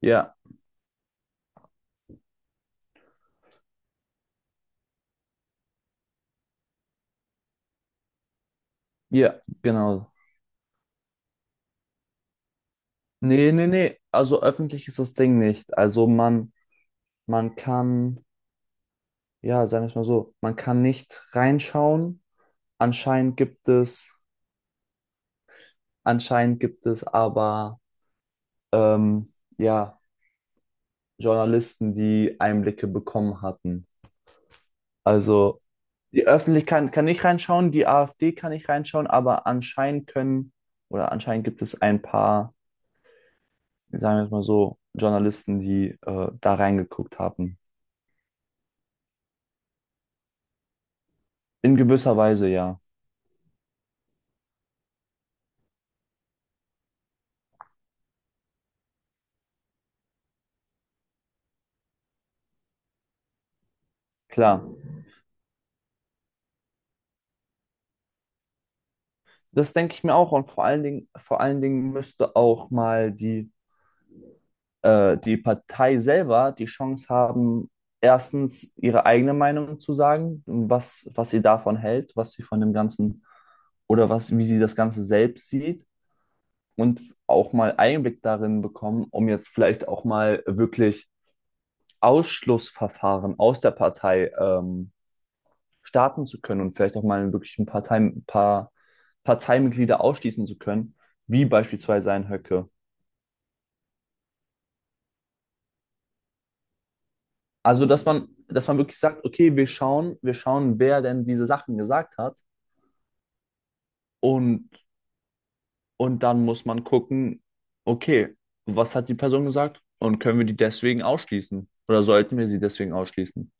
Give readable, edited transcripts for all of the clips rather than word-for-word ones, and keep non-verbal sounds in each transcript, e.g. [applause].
Ja, ja, genau. Nee, nee, nee. Also öffentlich ist das Ding nicht. Also man kann, ja, sagen wir es mal so, man kann nicht reinschauen. Anscheinend gibt es, Anscheinend gibt es aber, ähm, ja, Journalisten, die Einblicke bekommen hatten. Also die Öffentlichkeit kann nicht reinschauen, die AfD kann nicht reinschauen, aber anscheinend können, oder anscheinend gibt es ein paar, sagen wir es mal so, Journalisten, die da reingeguckt haben. In gewisser Weise ja, klar. Das denke ich mir auch. Und vor allen Dingen müsste auch mal die Partei selber die Chance haben, erstens ihre eigene Meinung zu sagen, was sie davon hält, was sie von dem Ganzen oder was, wie sie das Ganze selbst sieht und auch mal Einblick darin bekommen, um jetzt vielleicht auch mal wirklich Ausschlussverfahren aus der Partei starten zu können und vielleicht auch mal wirklich ein paar Parteimitglieder ausschließen zu können, wie beispielsweise ein Höcke. Also, dass man wirklich sagt, okay, wir schauen, wer denn diese Sachen gesagt hat und, und dann muss man gucken, okay, was hat die Person gesagt und können wir die deswegen ausschließen oder sollten wir sie deswegen ausschließen?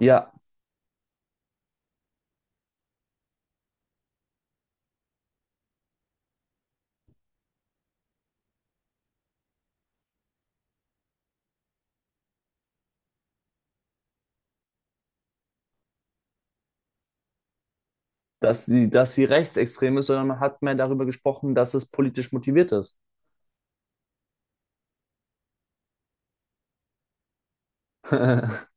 Ja, dass sie rechtsextrem ist, sondern man hat mehr darüber gesprochen, dass es politisch motiviert ist. [laughs]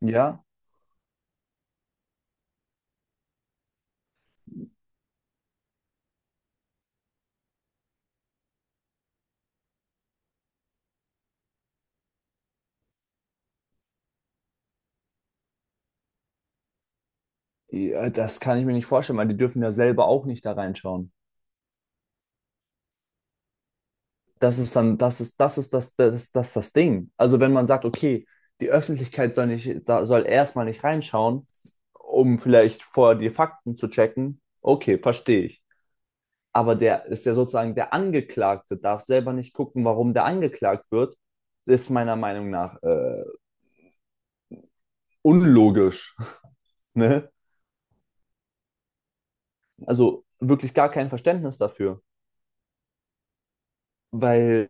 Ja. Ja, das kann ich mir nicht vorstellen, weil die dürfen ja selber auch nicht da reinschauen. Das ist dann, das ist, das ist das, das, das, das Ding. Also wenn man sagt, okay, die Öffentlichkeit soll nicht, da soll erstmal nicht reinschauen, um vielleicht vorher die Fakten zu checken, okay, verstehe ich. Aber der ist ja sozusagen der Angeklagte, darf selber nicht gucken, warum der angeklagt wird, ist meiner Meinung nach unlogisch. [laughs] Ne? Also wirklich gar kein Verständnis dafür. Weil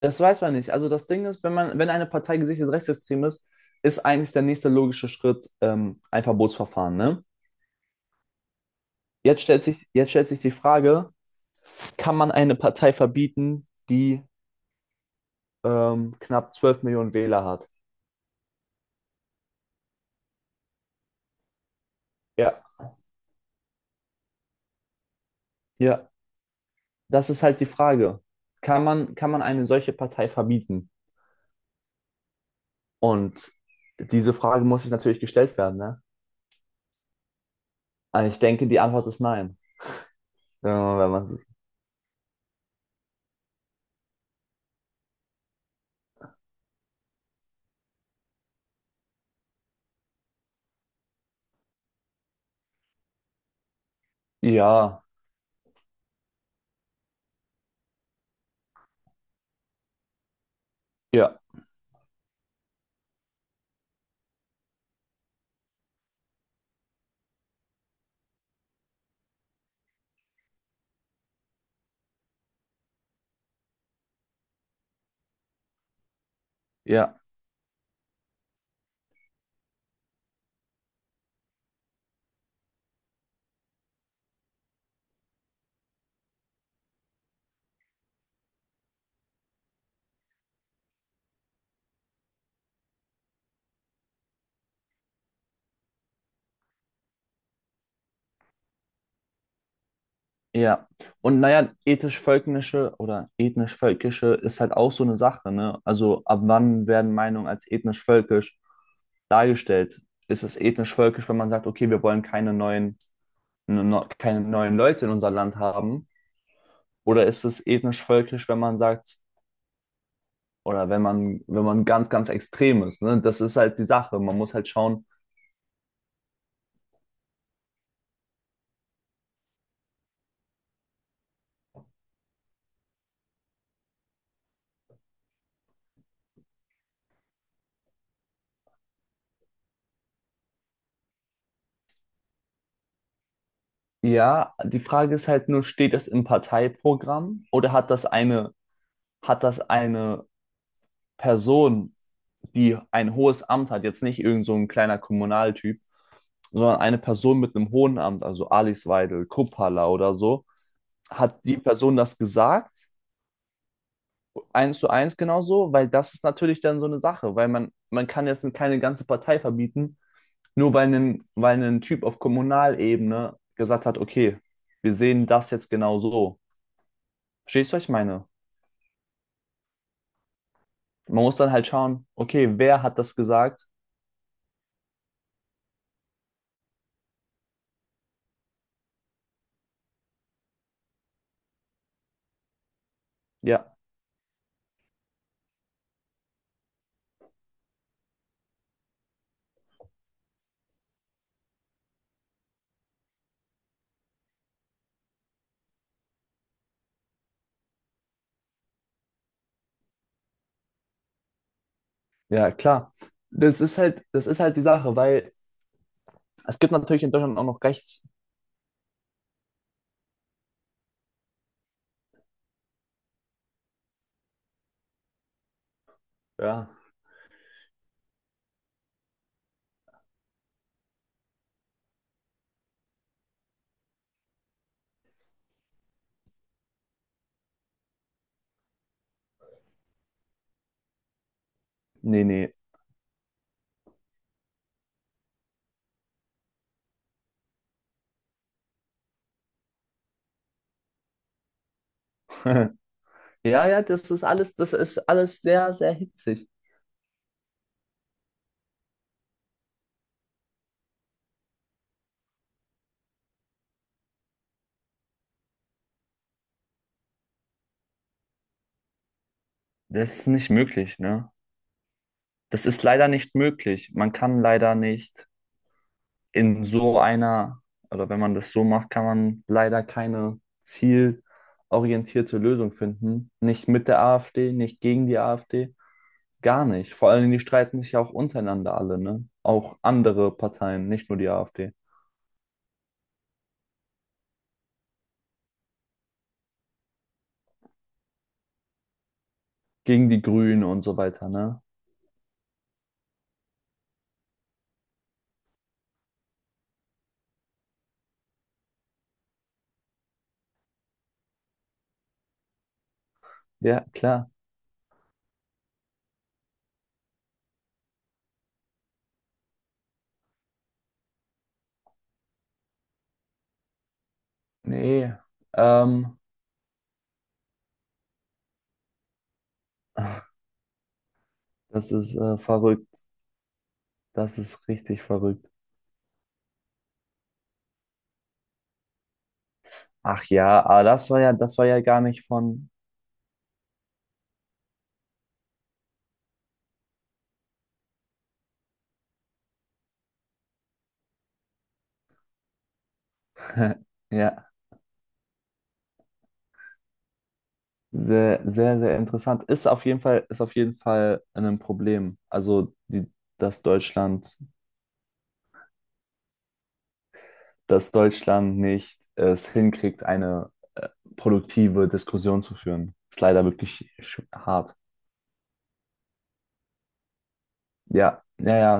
das weiß man nicht. Also das Ding ist, wenn eine Partei gesichert rechtsextrem ist, ist eigentlich der nächste logische Schritt ein Verbotsverfahren, ne? Jetzt stellt sich die Frage, kann man eine Partei verbieten, die knapp 12 Millionen Wähler hat? Ja. Ja, das ist halt die Frage. Kann man eine solche Partei verbieten? Und diese Frage muss sich natürlich gestellt werden, ne? Und ich denke, die Antwort ist nein. Wenn man, ja, ja, ja. Ja, und naja, ethisch-völkische oder ethnisch-völkische ist halt auch so eine Sache, ne? Also ab wann werden Meinungen als ethnisch-völkisch dargestellt? Ist es ethnisch-völkisch, wenn man sagt, okay, wir wollen keine neuen, keine neuen Leute in unser Land haben? Oder ist es ethnisch-völkisch, wenn man sagt, oder wenn man, wenn man ganz, ganz extrem ist, ne? Das ist halt die Sache. Man muss halt schauen, ja, die Frage ist halt nur, steht das im Parteiprogramm oder hat hat das eine Person die ein hohes Amt hat, jetzt nicht irgend so ein kleiner Kommunaltyp, sondern eine Person mit einem hohen Amt, also Alice Weidel, Kuppala oder so, hat die Person das gesagt, eins zu eins genauso, weil das ist natürlich dann so eine Sache, weil man kann jetzt keine ganze Partei verbieten, nur weil ein Typ auf Kommunalebene gesagt hat, okay, wir sehen das jetzt genau so. Verstehst du, was ich meine? Man muss dann halt schauen, okay, wer hat das gesagt? Ja, ja, klar. Das ist halt die Sache, weil es gibt natürlich in Deutschland auch noch rechts. Ja, nee, nee. [laughs] Ja, ja, das ist alles sehr, sehr hitzig. Das ist nicht möglich, ne? Das ist leider nicht möglich. Man kann leider nicht in so einer, oder wenn man das so macht, kann man leider keine zielorientierte Lösung finden. Nicht mit der AfD, nicht gegen die AfD, gar nicht. Vor allen Dingen, die streiten sich ja auch untereinander alle, ne? Auch andere Parteien, nicht nur die AfD. Gegen die Grünen und so weiter, ne? Ja, klar. Nee, ähm, [laughs] das ist verrückt. Das ist richtig verrückt. Ach ja, aber das war ja gar nicht von. [laughs] Ja, sehr, sehr, sehr interessant. Ist auf jeden Fall, ist auf jeden Fall ein Problem. Also, die, dass Deutschland, dass Deutschland nicht es hinkriegt, eine äh, produktive Diskussion zu führen. Ist leider wirklich hart. Ja, ja, ja.